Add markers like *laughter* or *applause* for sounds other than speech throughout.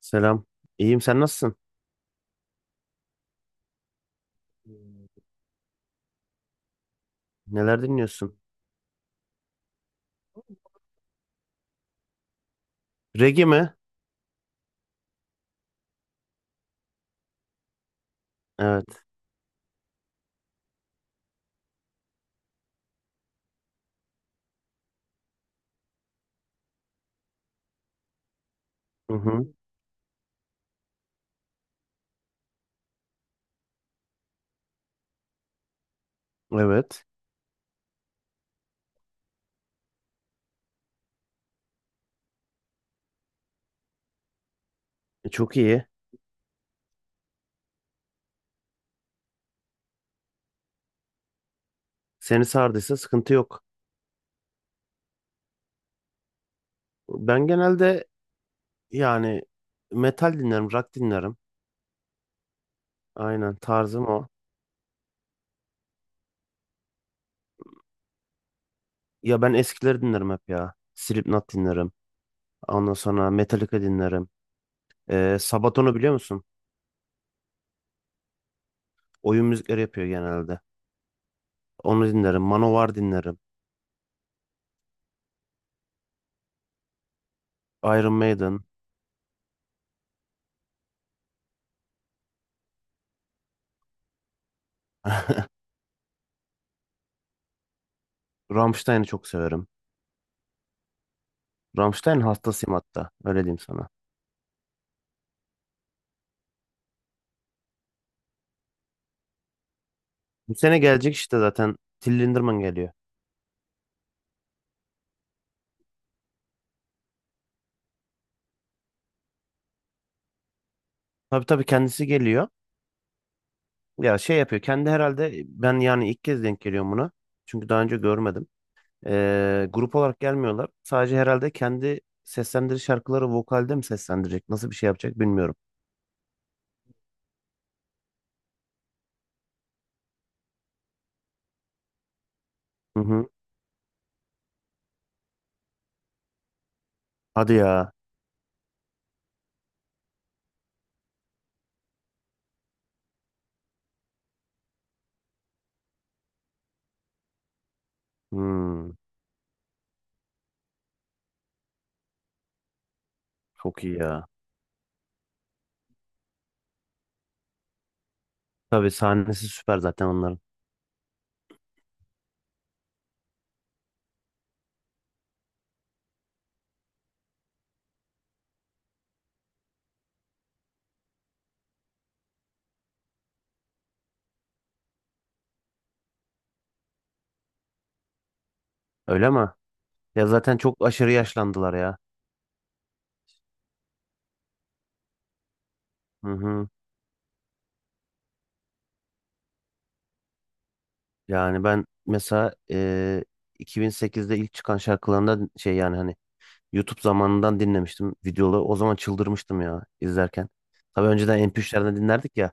Selam. İyiyim. Sen nasılsın? Neler dinliyorsun? Reggae mi? Evet. Hı hı. Evet. Çok iyi. Seni sardıysa sıkıntı yok. Ben genelde yani metal dinlerim, rock dinlerim. Aynen, tarzım o. Ya ben eskileri dinlerim hep ya. Slipknot dinlerim. Ondan sonra Metallica dinlerim. Sabaton'u biliyor musun? Oyun müzikleri yapıyor genelde. Onu dinlerim. Manowar dinlerim. Iron Maiden. *laughs* Rammstein'i çok severim. Rammstein hastasıyım hatta. Öyle diyeyim sana. Bu sene gelecek işte zaten. Till Lindemann geliyor. Tabii tabii, kendisi geliyor. Ya şey yapıyor. Kendi herhalde, ben yani ilk kez denk geliyorum buna. Çünkü daha önce görmedim. Grup olarak gelmiyorlar. Sadece herhalde kendi seslendirici şarkıları vokalde mi seslendirecek? Nasıl bir şey yapacak bilmiyorum. Hı hı. Hadi ya. Hmm, çok iyi ya. Tabii sahnesi süper zaten onların. Öyle mi? Ya zaten çok aşırı yaşlandılar ya. Hı hı. Yani ben mesela 2008'de ilk çıkan şarkılarında şey yani hani YouTube zamanından dinlemiştim videoları. O zaman çıldırmıştım ya izlerken. Tabii önceden MP3'lerden dinlerdik ya.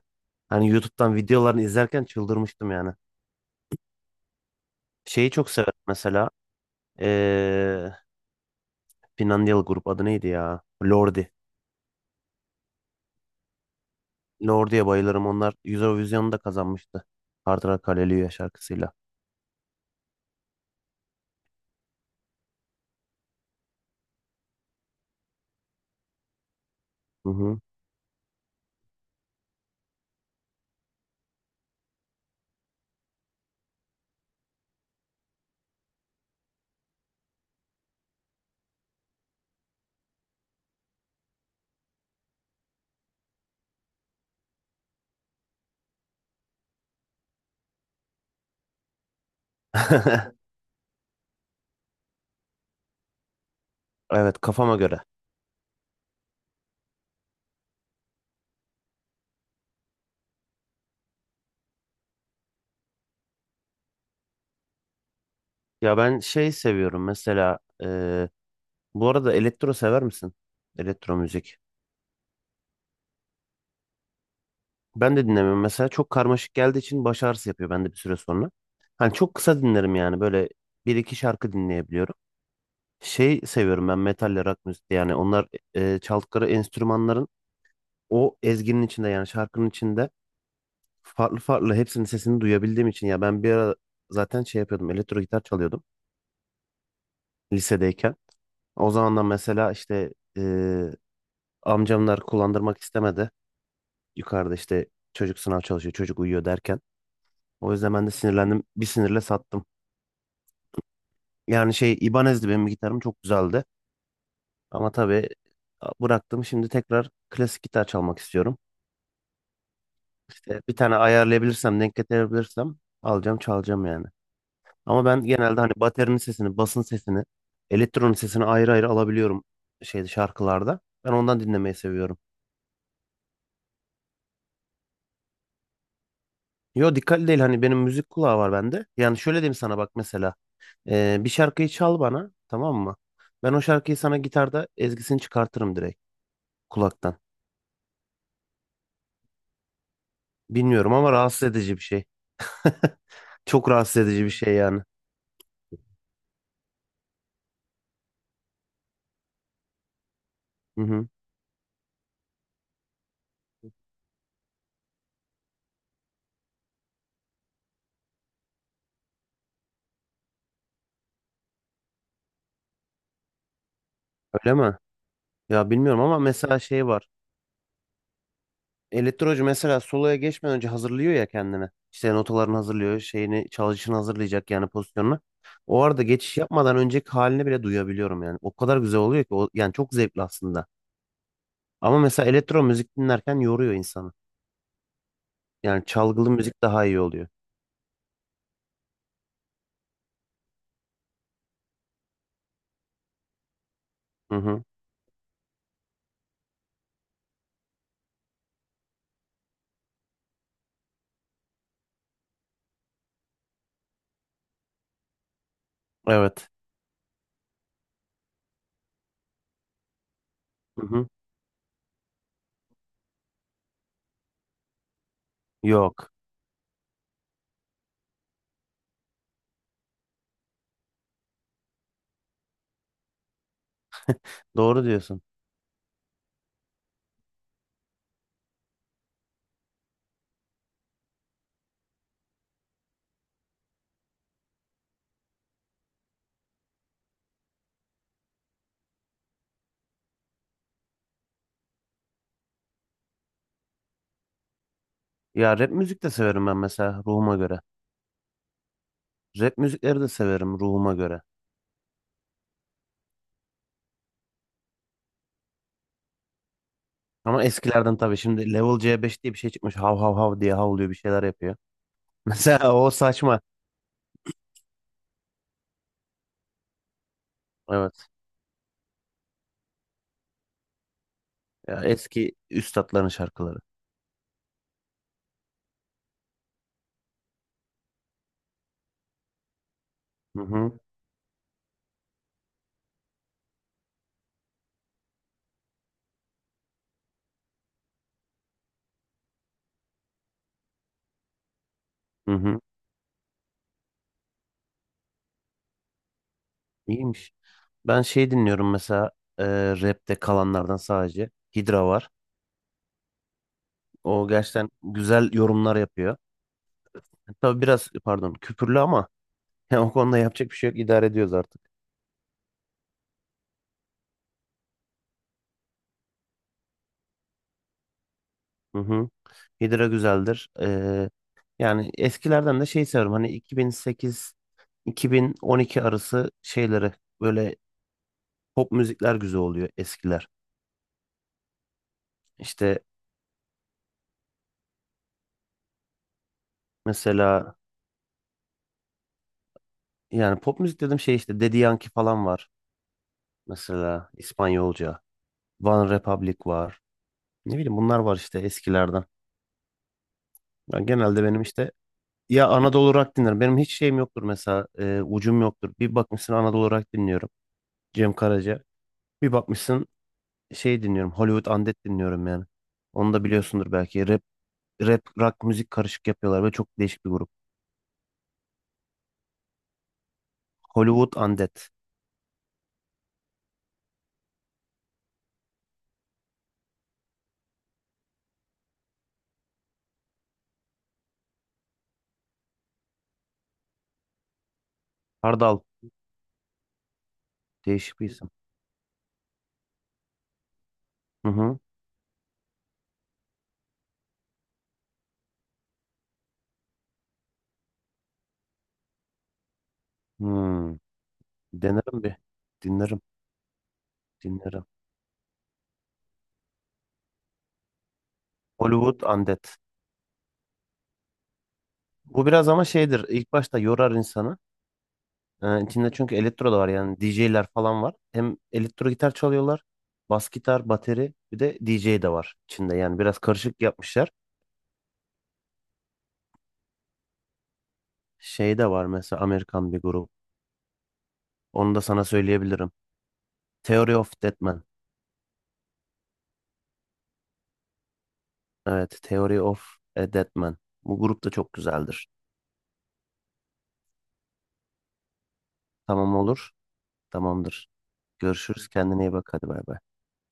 Hani YouTube'dan videolarını izlerken çıldırmıştım yani. Şeyi çok severim mesela. Ee, Finlandiyalı grup adı neydi ya? Lordi. Lordi'ye bayılırım. Onlar Eurovision'u da kazanmıştı. Hard Rock Hallelujah şarkısıyla. Hı hı. *laughs* Evet, kafama göre. Ya ben şey seviyorum mesela. Bu arada elektro sever misin? Elektro müzik. Ben de dinlemiyorum. Mesela çok karmaşık geldiği için baş ağrısı yapıyor bende bir süre sonra. Hani çok kısa dinlerim yani, böyle bir iki şarkı dinleyebiliyorum. Şey seviyorum ben metalle rock müziği, yani onlar çaldıkları enstrümanların o ezginin içinde, yani şarkının içinde farklı farklı hepsinin sesini duyabildiğim için, ya ben bir ara zaten şey yapıyordum, elektro gitar çalıyordum lisedeyken. O zamandan mesela işte e, amcamlar kullandırmak istemedi. Yukarıda işte çocuk sınav çalışıyor, çocuk uyuyor derken. O yüzden ben de sinirlendim, bir sinirle sattım. Yani şey İbanez'di benim gitarım, çok güzeldi. Ama tabii bıraktım. Şimdi tekrar klasik gitar çalmak istiyorum. İşte bir tane ayarlayabilirsem, denk getirebilirsem alacağım, çalacağım yani. Ama ben genelde hani baterinin sesini, basın sesini, elektronun sesini ayrı ayrı alabiliyorum şeyde, şarkılarda. Ben ondan dinlemeyi seviyorum. Yo, dikkatli değil, hani benim müzik kulağı var bende. Yani şöyle diyeyim sana, bak mesela. Bir şarkıyı çal bana, tamam mı? Ben o şarkıyı sana gitarda ezgisini çıkartırım direkt kulaktan. Bilmiyorum ama rahatsız edici bir şey. Çok rahatsız edici bir şey yani. Hı hı. Öyle mi? Ya bilmiyorum ama mesela şey var. Elektrocu mesela soloya geçmeden önce hazırlıyor ya kendini. İşte notalarını hazırlıyor, şeyini, çalışını hazırlayacak yani, pozisyonunu. O arada geçiş yapmadan önceki halini bile duyabiliyorum yani. O kadar güzel oluyor ki o, yani çok zevkli aslında. Ama mesela elektro müzik dinlerken yoruyor insanı. Yani çalgılı müzik daha iyi oluyor. Hı hı. Evet. Hı hı. Yok. Doğru diyorsun. Ya rap müzik de severim ben mesela ruhuma göre. Rap müzikleri de severim ruhuma göre. Ama eskilerden tabii. Şimdi level C5 diye bir şey çıkmış. Hav hav hav diye havlıyor, bir şeyler yapıyor. *laughs* Mesela o saçma. Evet. Ya eski üstatların şarkıları. Hı hı. Hı hı. İyiymiş. Ben şey dinliyorum mesela, e, rapte kalanlardan sadece. Hidra var. O gerçekten güzel yorumlar yapıyor. Tabii biraz pardon, küpürlü ama *laughs* yani o konuda yapacak bir şey yok. İdare ediyoruz artık. Hı hı. Hydra güzeldir. Yani eskilerden de şey seviyorum. Hani 2008-2012 arası şeyleri, böyle pop müzikler güzel oluyor eskiler. İşte mesela, yani pop müzik dedim, şey işte Daddy Yankee falan var. Mesela İspanyolca. One Republic var. Ne bileyim, bunlar var işte eskilerden. Ben genelde benim işte, ya Anadolu Rock dinlerim. Benim hiç şeyim yoktur mesela, ucum yoktur. Bir bakmışsın Anadolu Rock dinliyorum. Cem Karaca. Bir bakmışsın şey dinliyorum. Hollywood Undead dinliyorum yani. Onu da biliyorsundur belki. Rap, rock müzik karışık yapıyorlar ve çok değişik bir grup. Hollywood Undead. Hardal. Değişik bir isim. Hı hı. Hmm. Denerim bir. Dinlerim. Dinlerim. Hollywood Undead. Bu biraz ama şeydir. İlk başta yorar insanı. İçinde çünkü elektro da var, yani DJ'ler falan var. Hem elektro gitar çalıyorlar. Bas gitar, bateri, bir de DJ de var içinde. Yani biraz karışık yapmışlar. Şey de var mesela, Amerikan bir grup. Onu da sana söyleyebilirim. Theory of Deadman. Evet, Theory of a Deadman. Bu grup da çok güzeldir. Tamam, olur. Tamamdır. Görüşürüz. Kendine iyi bak. Hadi, bay bay.